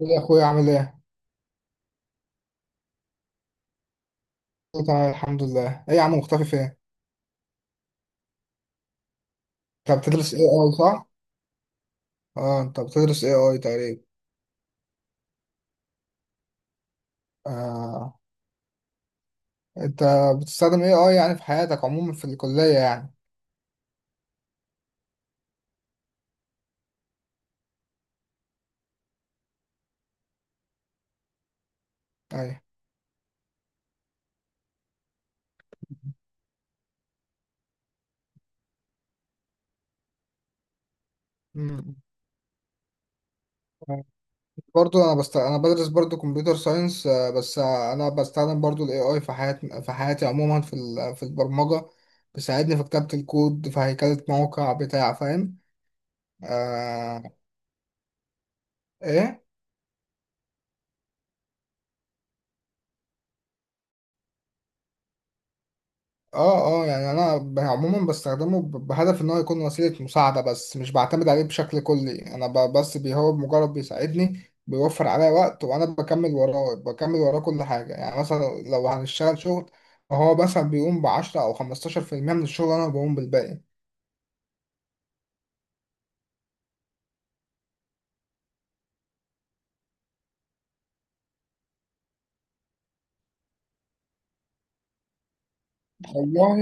ايه يا اخويا عامل ايه؟ أنا تمام الحمد لله، ايه يا عم مختفي فين؟ انت بتدرس اي اي صح؟ اه، انت بتدرس اي اي تقريبا. آه. انت بتستخدم اي اي يعني في حياتك عموما في الكلية يعني. ايوه. مم. برضو انا بدرس برضو كمبيوتر ساينس بس، انا بستخدم برضو الاي اي في حياتي عموما في البرمجة. بيساعدني في كتابة الكود، في هيكلة موقع بتاع، فاهم؟ آه. ايه؟ اه اه، يعني انا عموما بستخدمه بهدف ان هو يكون وسيلة مساعدة، بس مش بعتمد عليه بشكل كلي. انا بس هو مجرد بيساعدني، بيوفر عليا وقت، وانا بكمل وراه بكمل وراه كل حاجة. يعني مثلا لو هنشتغل شغل، فهو مثلا بيقوم ب10 او 15% من الشغل، انا بقوم بالباقي. والله،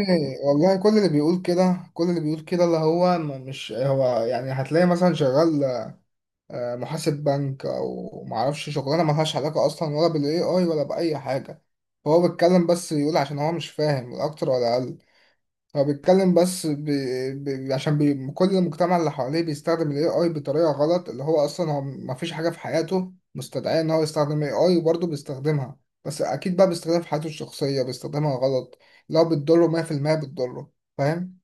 والله كل اللي بيقول كده، كل اللي بيقول كده، اللي هو مش هو، يعني هتلاقي مثلا شغال محاسب بنك او معرفش، شغلانه ملهاش علاقه اصلا ولا بالاي اي ولا باي حاجه. فهو بيتكلم بس، يقول عشان هو مش فاهم، لا اكتر ولا اقل. هو بيتكلم بس عشان كل المجتمع اللي حواليه بيستخدم الاي اي بطريقه غلط، اللي هو اصلا هو مفيش حاجه في حياته مستدعيه ان هو يستخدم اي اي، وبرضه بيستخدمها. بس اكيد بقى بيستخدمها في حياته الشخصيه، بيستخدمها غلط، لو بتضره 100%، بتضره. فاهم.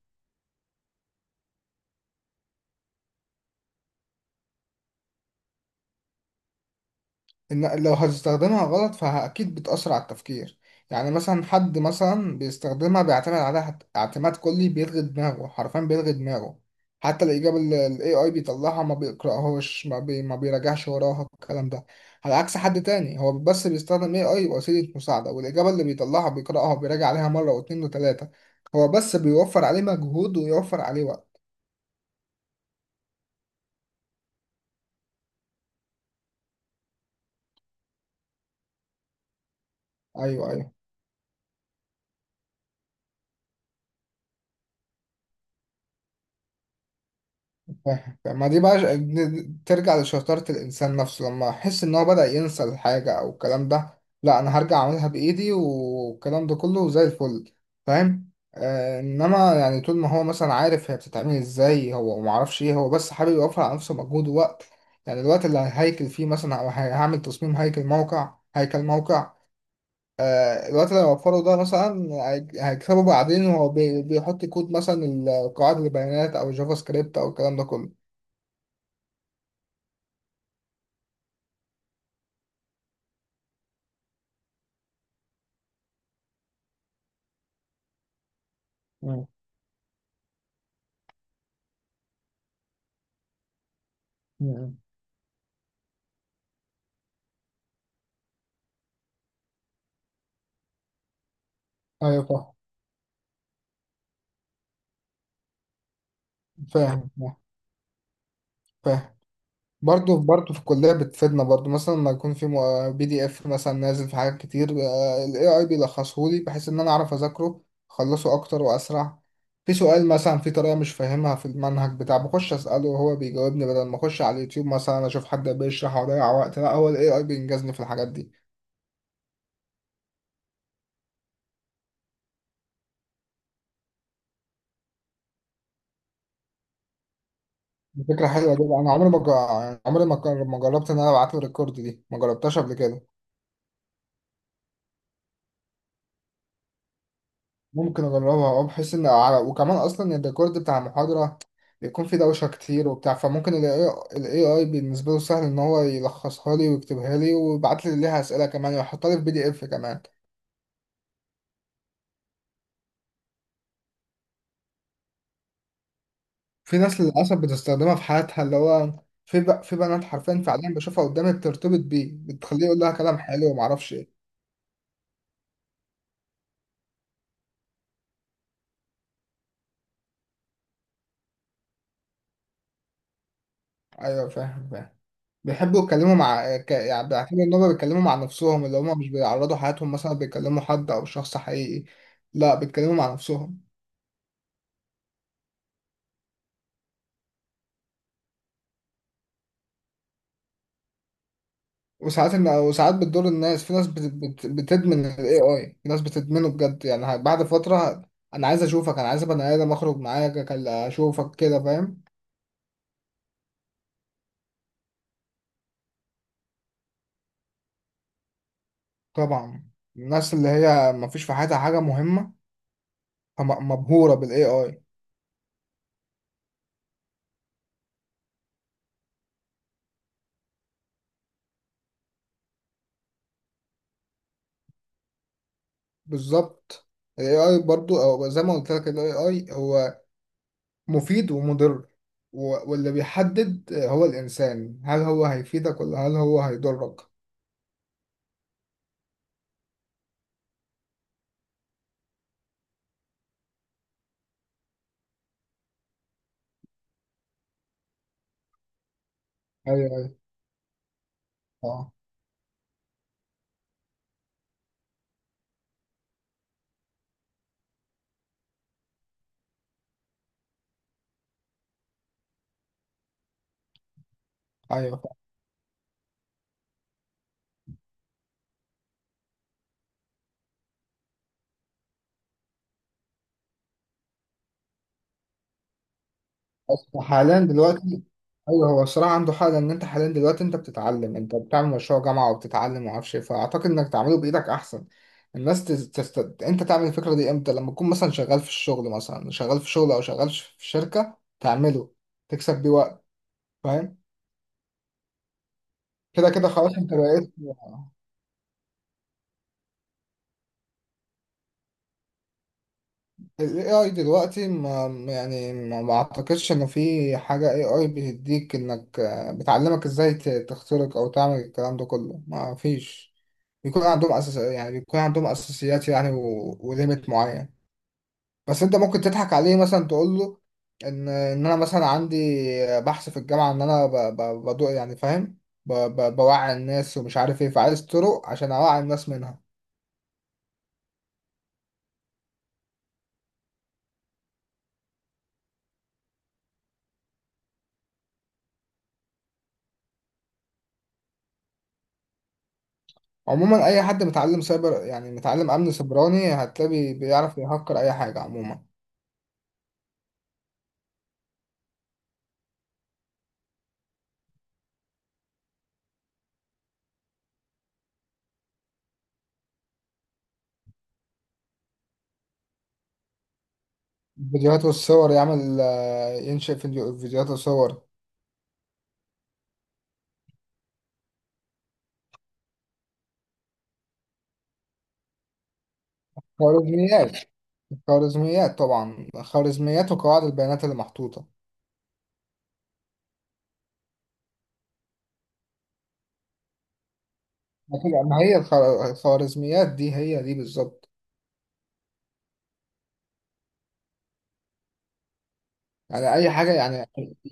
إن لو هتستخدمها غلط فأكيد بتأثر على التفكير. يعني مثلا حد مثلا بيستخدمها، بيعتمد عليها اعتماد كلي، بيلغي دماغه حرفيا، بيلغي دماغه. حتى الإجابة اللي ال AI بيطلعها ما بيقرأهاش، ما بيراجعش وراها الكلام ده. على عكس حد تاني هو بس بيستخدم AI وسيلة مساعدة، والإجابة اللي بيطلعها بيقرأها وبيراجع عليها مرة واتنين وتلاتة. هو بس بيوفر عليه مجهود ويوفر عليه وقت. أيوه أيوه فاهم. ما دي بقى ترجع لشطارة الإنسان نفسه، لما أحس إن هو بدأ ينسى الحاجة أو الكلام ده، لا أنا هرجع أعملها بإيدي والكلام ده كله زي الفل. فاهم. آه، إنما يعني طول ما هو مثلا عارف هي بتتعمل إزاي، هو معرفش إيه، هو بس حابب يوفر على نفسه مجهود ووقت. يعني الوقت اللي هيكل فيه مثلا، أو هعمل تصميم هيكل موقع، هيكل موقع. آه، الوقت اللي هيوفره ده مثلا هيكسبه بعدين، وهو بيحط كود مثلا، القواعد البيانات أو الجافا سكريبت أو الكلام ده كله. مم. ايوه فاهم فاهم. فاهم برضه في الكليه، بتفيدنا برضه مثلا لما يكون في بي دي اف مثلا نازل في حاجات كتير، الاي اي بيلخصه لي بحيث ان انا اعرف اذاكره، اخلصه اكتر واسرع. في سؤال مثلا، في طريقه مش فاهمها في المنهج بتاع، بخش اساله وهو بيجاوبني، بدل ما اخش على اليوتيوب مثلا اشوف حد بيشرح واضيع وقت، لا، هو الاي اي بينجزني في الحاجات دي. دي فكره حلوه جدا. انا عمري ما جا- عمري ما جر- ما جربت ان انا ابعت له الريكورد، دي ما جربتهاش قبل كده. ممكن اجربها، اه، بحيث ان على، وكمان اصلا الريكورد بتاع المحاضره بيكون فيه دوشه كتير وبتاع، فممكن ال AI بالنسبه له سهل ان هو يلخصها لي ويكتبها لي ويبعت لي ليها اسئله كمان، ويحطها لي في بي دي اف كمان. في ناس للاسف بتستخدمها في حياتها، اللي هو في في بنات حرفيا، فعليا بشوفها قدامي، بترتبط بيه، بتخليه يقول لها كلام حلو وما اعرفش ايه. ايوه فاهم فاهم. بيحبوا يتكلموا مع يعني بيعتبروا ان هم بيتكلموا مع نفسهم، اللي هم مش بيعرضوا حياتهم مثلا، بيكلموا حد او شخص حقيقي. لا، بيتكلموا مع نفسهم. وساعات بتضر الناس، في ناس بتدمن ال AI، في ناس بتدمنه بجد يعني، بعد فترة، أنا عايز أشوفك، أنا عايز أبقى آدم أخرج معاك أشوفك كده، فاهم. طبعا. الناس اللي هي مفيش في حياتها حاجة مهمة مبهورة بال AI. بالظبط. ال AI برضو، أو زي ما قلت لك، ال AI هو مفيد ومضر، واللي بيحدد هو الإنسان، هل هو هيفيدك ولا هل هو هيضرك. أيوه أيوه. أه أيوه. بس حاليا دلوقتي. ايوه، هو الصراحه عنده حق، لان انت حاليا دلوقتي انت بتتعلم، انت بتعمل مشروع جامعه وبتتعلم وما اعرفش ايه، فاعتقد انك تعمله بايدك احسن. الناس انت تعمل الفكره دي امتى؟ لما تكون مثلا شغال في الشغل، مثلا شغال في شغل او شغال في شركه، تعمله تكسب بيه وقت. فاهم. كده كده خلاص انت بقيت. ال AI دلوقتي، ما يعني ما اعتقدش انه في حاجة AI بتديك انك، بتعلمك ازاي تخترق او تعمل الكلام ده كله. ما فيش. بيكون عندهم اساس، يعني بيكون عندهم اساسيات يعني، وليميت معين. بس انت ممكن تضحك عليه، مثلا تقول له ان انا مثلا عندي، بحث في الجامعة، ان انا بدو يعني، فاهم، بوعي الناس ومش عارف ايه، فعايز طرق عشان اوعي الناس منها. عموما اي حد متعلم سايبر، يعني متعلم امن سيبراني، هتلاقي بيعرف يهكر اي حاجه عموما. الفيديوهات والصور يعمل، ينشئ فيديوهات وصور. خوارزميات. خوارزميات طبعا، خوارزميات وقواعد البيانات اللي محطوطه. لكن ما هي الخوارزميات دي هي دي بالظبط. يعني اي حاجه يعني.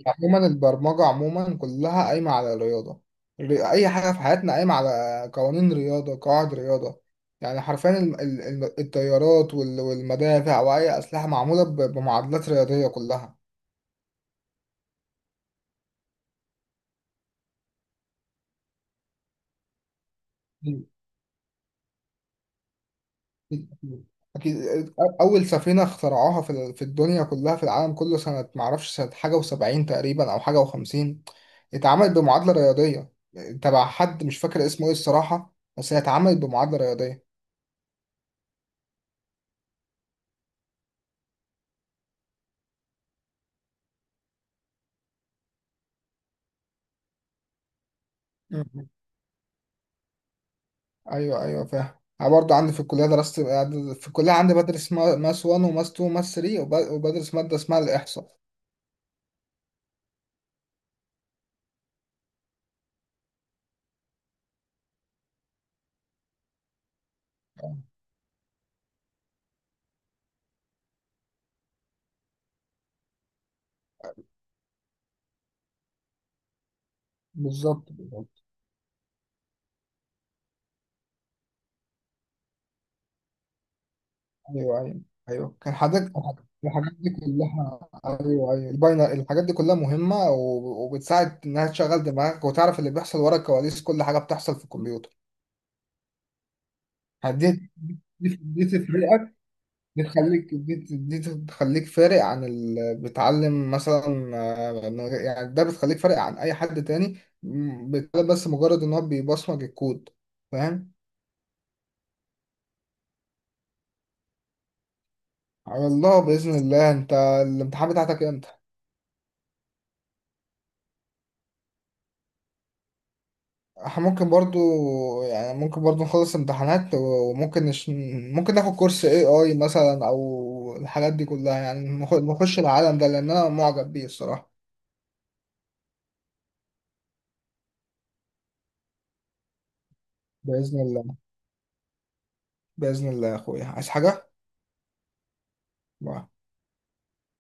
عموما البرمجه عموما كلها قايمه على الرياضه. اي حاجه في حياتنا قايمه على قوانين رياضه، قواعد رياضه، يعني حرفيا الطيارات والمدافع واي اسلحه معموله بمعادلات رياضيه كلها. أكيد أكيد. اكيد، اول سفينه اخترعوها في الدنيا كلها، في العالم كله، سنه معرفش، سنه حاجه و70 تقريبا او حاجه و50، اتعملت بمعادله رياضيه، تبع حد مش فاكر اسمه ايه الصراحه، بس هي اتعملت بمعادله رياضيه. ايوه ايوه فاهم. انا برضه عندي في الكليه درست، في الكليه عندي بدرس ماس 1 وماس 2 وماس 3 وبدرس ماده اسمها الاحصاء. بالظبط بالظبط. ايوه ايوه. ايوه كان حضرتك، الحاجات دي كلها. ايوه ايوه الباينر، الحاجات دي كلها مهمه، وبتساعد انها تشغل دماغك وتعرف اللي بيحصل ورا الكواليس، كل حاجه بتحصل في الكمبيوتر. دي دي, دي تفرقك، دي تخليك، دي تخليك فارق عن اللي بيتعلم مثلا، يعني ده بتخليك فارق عن اي حد تاني، بيتعلم بس مجرد ان هو بيبصمج الكود. فاهم. على الله، باذن الله. انت الامتحان بتاعتك امتى؟ احنا ممكن برضو، يعني ممكن برضو نخلص امتحانات، ممكن ناخد كورس اي اي مثلا، او الحاجات دي كلها، يعني نخش العالم ده، لان انا معجب بيه الصراحة. باذن الله. باذن الله يا اخويا، عايز حاجة؟ باي.